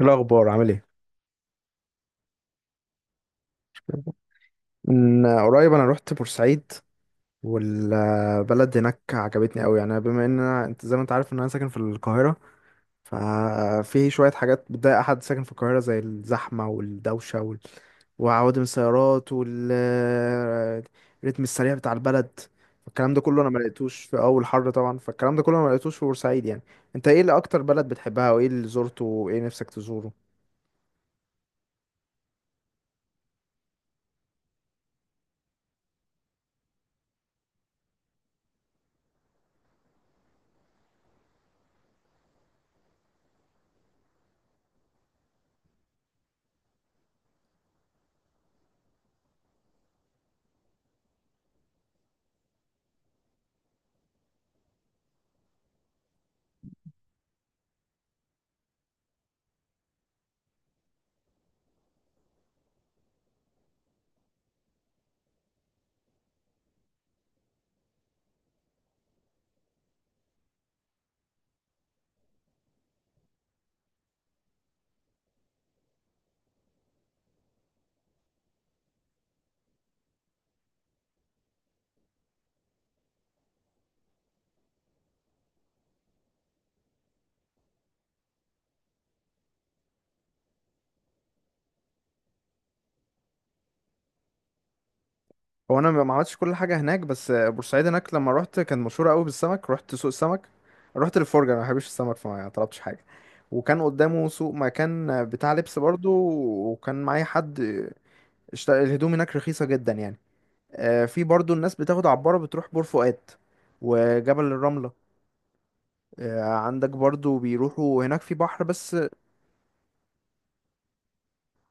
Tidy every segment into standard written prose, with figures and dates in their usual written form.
إيه الأخبار عامل ايه؟ من قريب أنا روحت بورسعيد، والبلد هناك عجبتني أوي. يعني بما إن أنت زي ما أنت عارف إن أنا ساكن في القاهرة، ففي شوية حاجات بتضايق أحد ساكن في القاهرة زي الزحمة والدوشة وعوادم السيارات والريتم السريع بتاع البلد. الكلام ده كله أنا ملقتوش في أول حر طبعا، فالكلام ده كله أنا ملقتوش في بورسعيد يعني. أنت ايه اللي أكتر بلد بتحبها، وإيه اللي زرته، وإيه نفسك تزوره؟ هو انا ما عملتش كل حاجه هناك، بس بورسعيد هناك لما رحت كان مشهوره قوي بالسمك. رحت سوق السمك، رحت للفرجه، انا ما بحبش السمك فما طلبتش حاجه. وكان قدامه سوق مكان بتاع لبس برضو. وكان معايا حد. الهدوم هناك رخيصه جدا يعني. آه، في برضو الناس بتاخد عباره بتروح بور فؤاد وجبل الرمله. آه، عندك برضو بيروحوا هناك في بحر بس اه.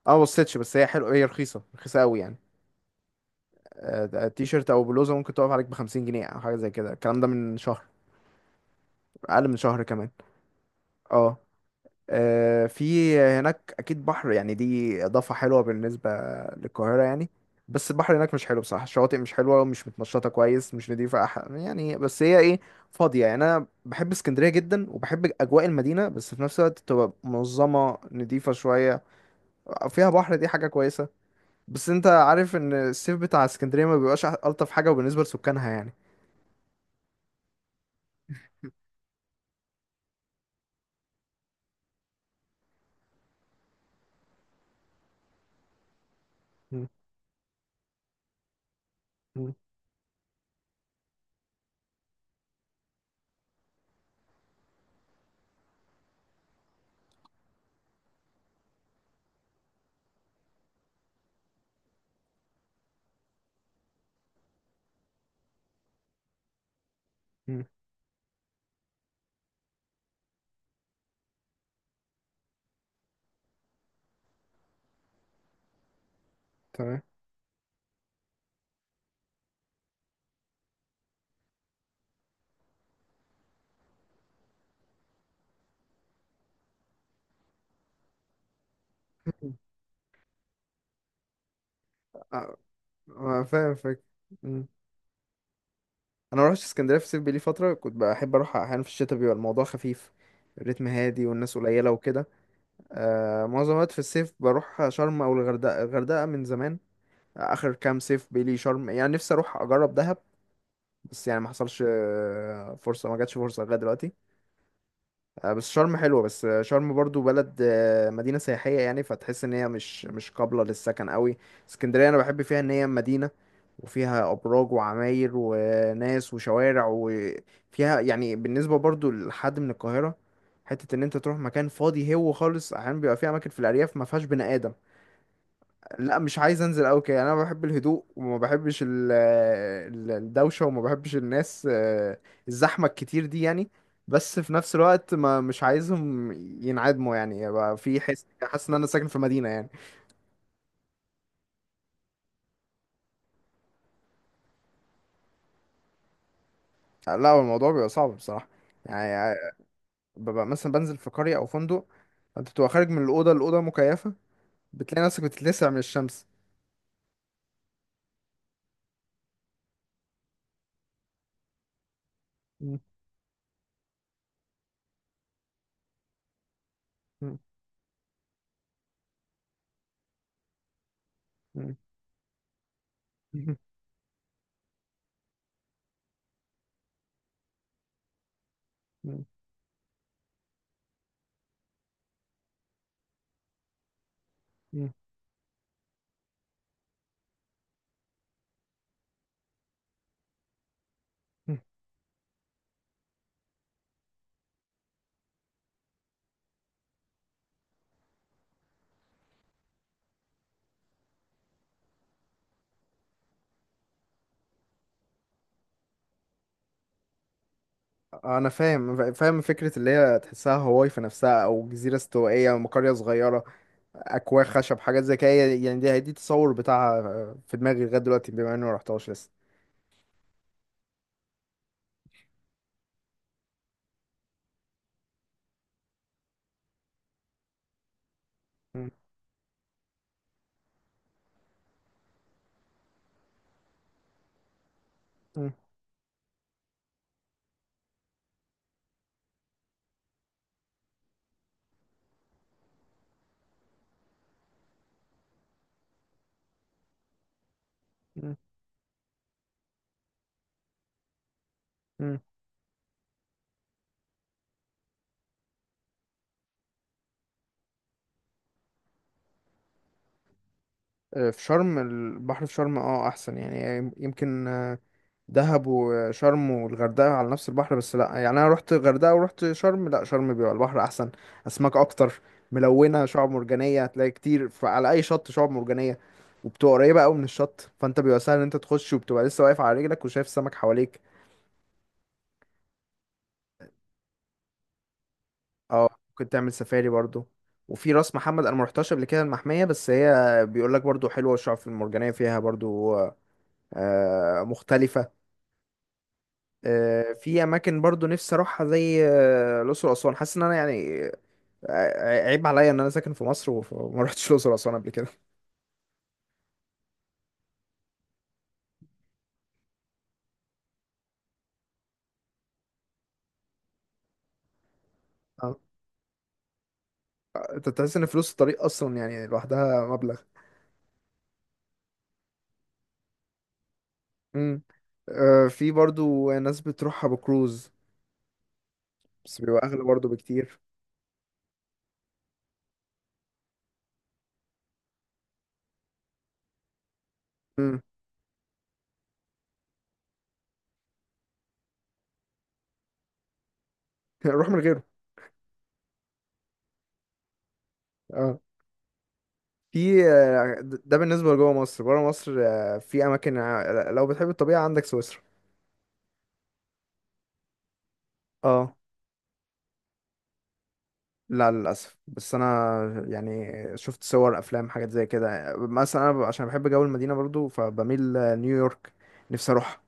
ما بصيتش، بس هي حلوه، هي رخيصه رخيصه قوي يعني. آه، ده تيشيرت او بلوزه ممكن تقف عليك ب50 جنيه او حاجه زي كده. الكلام ده من شهر، اقل من شهر كمان. اه. آه، في هناك اكيد بحر، يعني دي اضافه حلوه بالنسبه للقاهره يعني. بس البحر هناك مش حلو بصراحه، الشواطئ مش حلوه ومش متنشطه كويس، مش نضيفه، يعني بس هي ايه، فاضيه يعني. انا بحب اسكندريه جدا وبحب اجواء المدينه، بس في نفس الوقت تبقى منظمه نضيفه شويه، فيها بحر، دي حاجه كويسه. بس انت عارف ان الصيف بتاع اسكندريه ما بيبقاش الطف حاجه، وبالنسبه لسكانها يعني. مم. مم. مم. تمام. أه، أه، فاهم فاهم. انا ما رحتش اسكندريه في الصيف بقالي فتره، كنت بحب اروح احيانا في الشتاء، بيبقى الموضوع خفيف، الريتم هادي والناس قليله وكده. آه، معظم الوقت في الصيف بروح شرم او الغردقه، الغردقه من زمان، اخر كام صيف بقالي شرم. يعني نفسي اروح اجرب دهب، بس يعني ما حصلش فرصه، ما جاتش فرصه لغايه دلوقتي. آه، بس شرم حلوة، بس شرم برضو بلد، مدينة سياحية يعني، فتحس ان هي مش قابلة للسكن قوي. اسكندرية انا بحب فيها ان هي مدينة، وفيها ابراج وعماير وناس وشوارع، وفيها يعني بالنسبة برضو لحد من القاهرة حتة ان انت تروح مكان فاضي هو خالص. احيانا بيبقى فيه اماكن في الارياف ما فيهاش بني ادم. لا مش عايز انزل قوي كده، يعني انا بحب الهدوء وما بحبش الدوشه، وما بحبش الناس، الزحمه الكتير دي يعني. بس في نفس الوقت ما مش عايزهم ينعدموا، يعني يبقى في حس حاسس ان انا ساكن في مدينه يعني. لا هو الموضوع بيبقى صعب بصراحه، يعني ببقى مثلا بنزل في قريه او فندق، انت بتبقى خارج من الاوضه، الاوضه مكيفه، بتلاقي نفسك بتتلسع من الشمس. مم. مم. مم. مم. مم. انا فاهم فاهم فكره اللي هي تحسها هواي في نفسها او جزيره استوائيه او قريه صغيره، اكواخ خشب حاجات زي كده، يعني دي التصور بتاعها في دماغي لغايه دلوقتي، بما اني ما رحتهاش لسه. مم. مم. مم. مم. آه، في شرم البحر، في شرم احسن يعني يمكن. دهب وشرم والغردقة على نفس البحر، بس لا يعني انا رحت الغردقة ورحت شرم، لا شرم بيبقى البحر احسن، اسماك اكتر، ملونة، شعاب مرجانية هتلاقي كتير، على اي شط شعاب مرجانية، وبتبقى قريبة قوي من الشط، فانت بيبقى سهل ان انت تخش وبتبقى لسه واقف على رجلك وشايف السمك حواليك. اه، ممكن تعمل سفاري برضو. وفي راس محمد انا ما رحتش قبل كده المحمية، بس هي بيقول لك برضو حلوة الشعاب المرجانية فيها برضو. آه، مختلفة. آه، في اماكن برضو نفسي اروحها زي الاقصر واسوان. حاسس ان انا يعني عيب عليا ان انا ساكن في مصر وما رحتش الاقصر واسوان قبل كده. اه، انت تحس ان فلوس الطريق اصلا يعني لوحدها مبلغ. امم. آه، في برضو ناس بتروحها بكروز، بس بيبقى اغلى برضو بكتير. امم. روح من غيره. اه، في ده بالنسبه لجوه مصر. بره مصر في اماكن، لو بتحب الطبيعه عندك سويسرا. اه. لا للاسف، بس انا يعني شفت صور افلام حاجات زي كده. مثلا انا عشان بحب جو المدينه برضو فبميل نيويورك، نفسي اروح،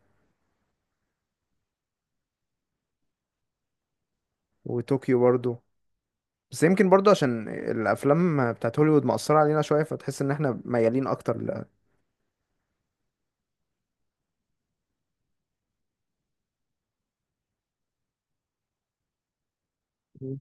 وطوكيو برضو. بس يمكن برضو عشان الافلام بتاعت هوليوود مأثرة علينا شوية، فتحس ان احنا ميالين اكتر. مم.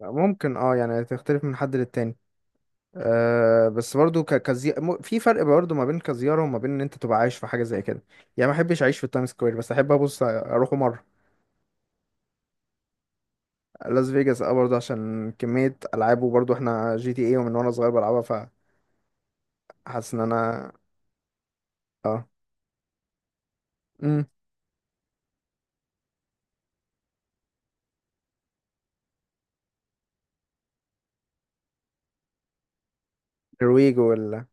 ممكن، يعني تختلف من حد للتاني. أه، بس برضو في فرق برضو ما بين كزيارة وما بين ان انت تبقى عايش في حاجة زي كده. يعني ما احبش اعيش في التايم سكوير، بس احب ابص اروحه مرة. لاس فيجاس، برضو عشان كمية العاب، وبرضو احنا جي تي اي ومن وانا صغير بلعبها، فحاسس ان انا اه امم نرويج ولا.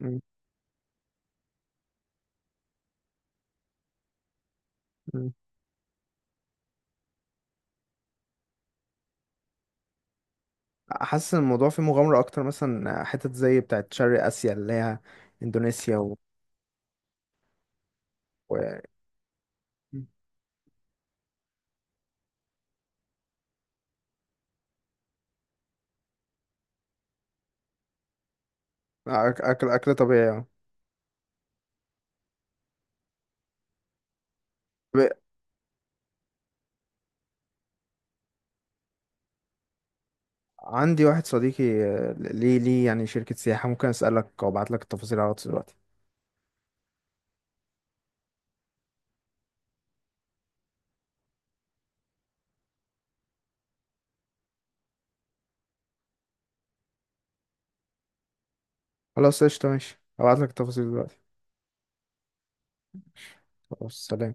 مم. حاسس ان الموضوع فيه مغامرة اكتر، مثلا حتت زي بتاعت شرق اسيا اللي هي اندونيسيا و... اكل طبيعي يعني. طب عندي واحد صديقي، ليه يعني شركة سياحة، ممكن اسألك او ابعت لك التفاصيل على الواتس دلوقتي. خلاص قشطة ماشي، ابعت لك التفاصيل دلوقتي. خلاص، سلام.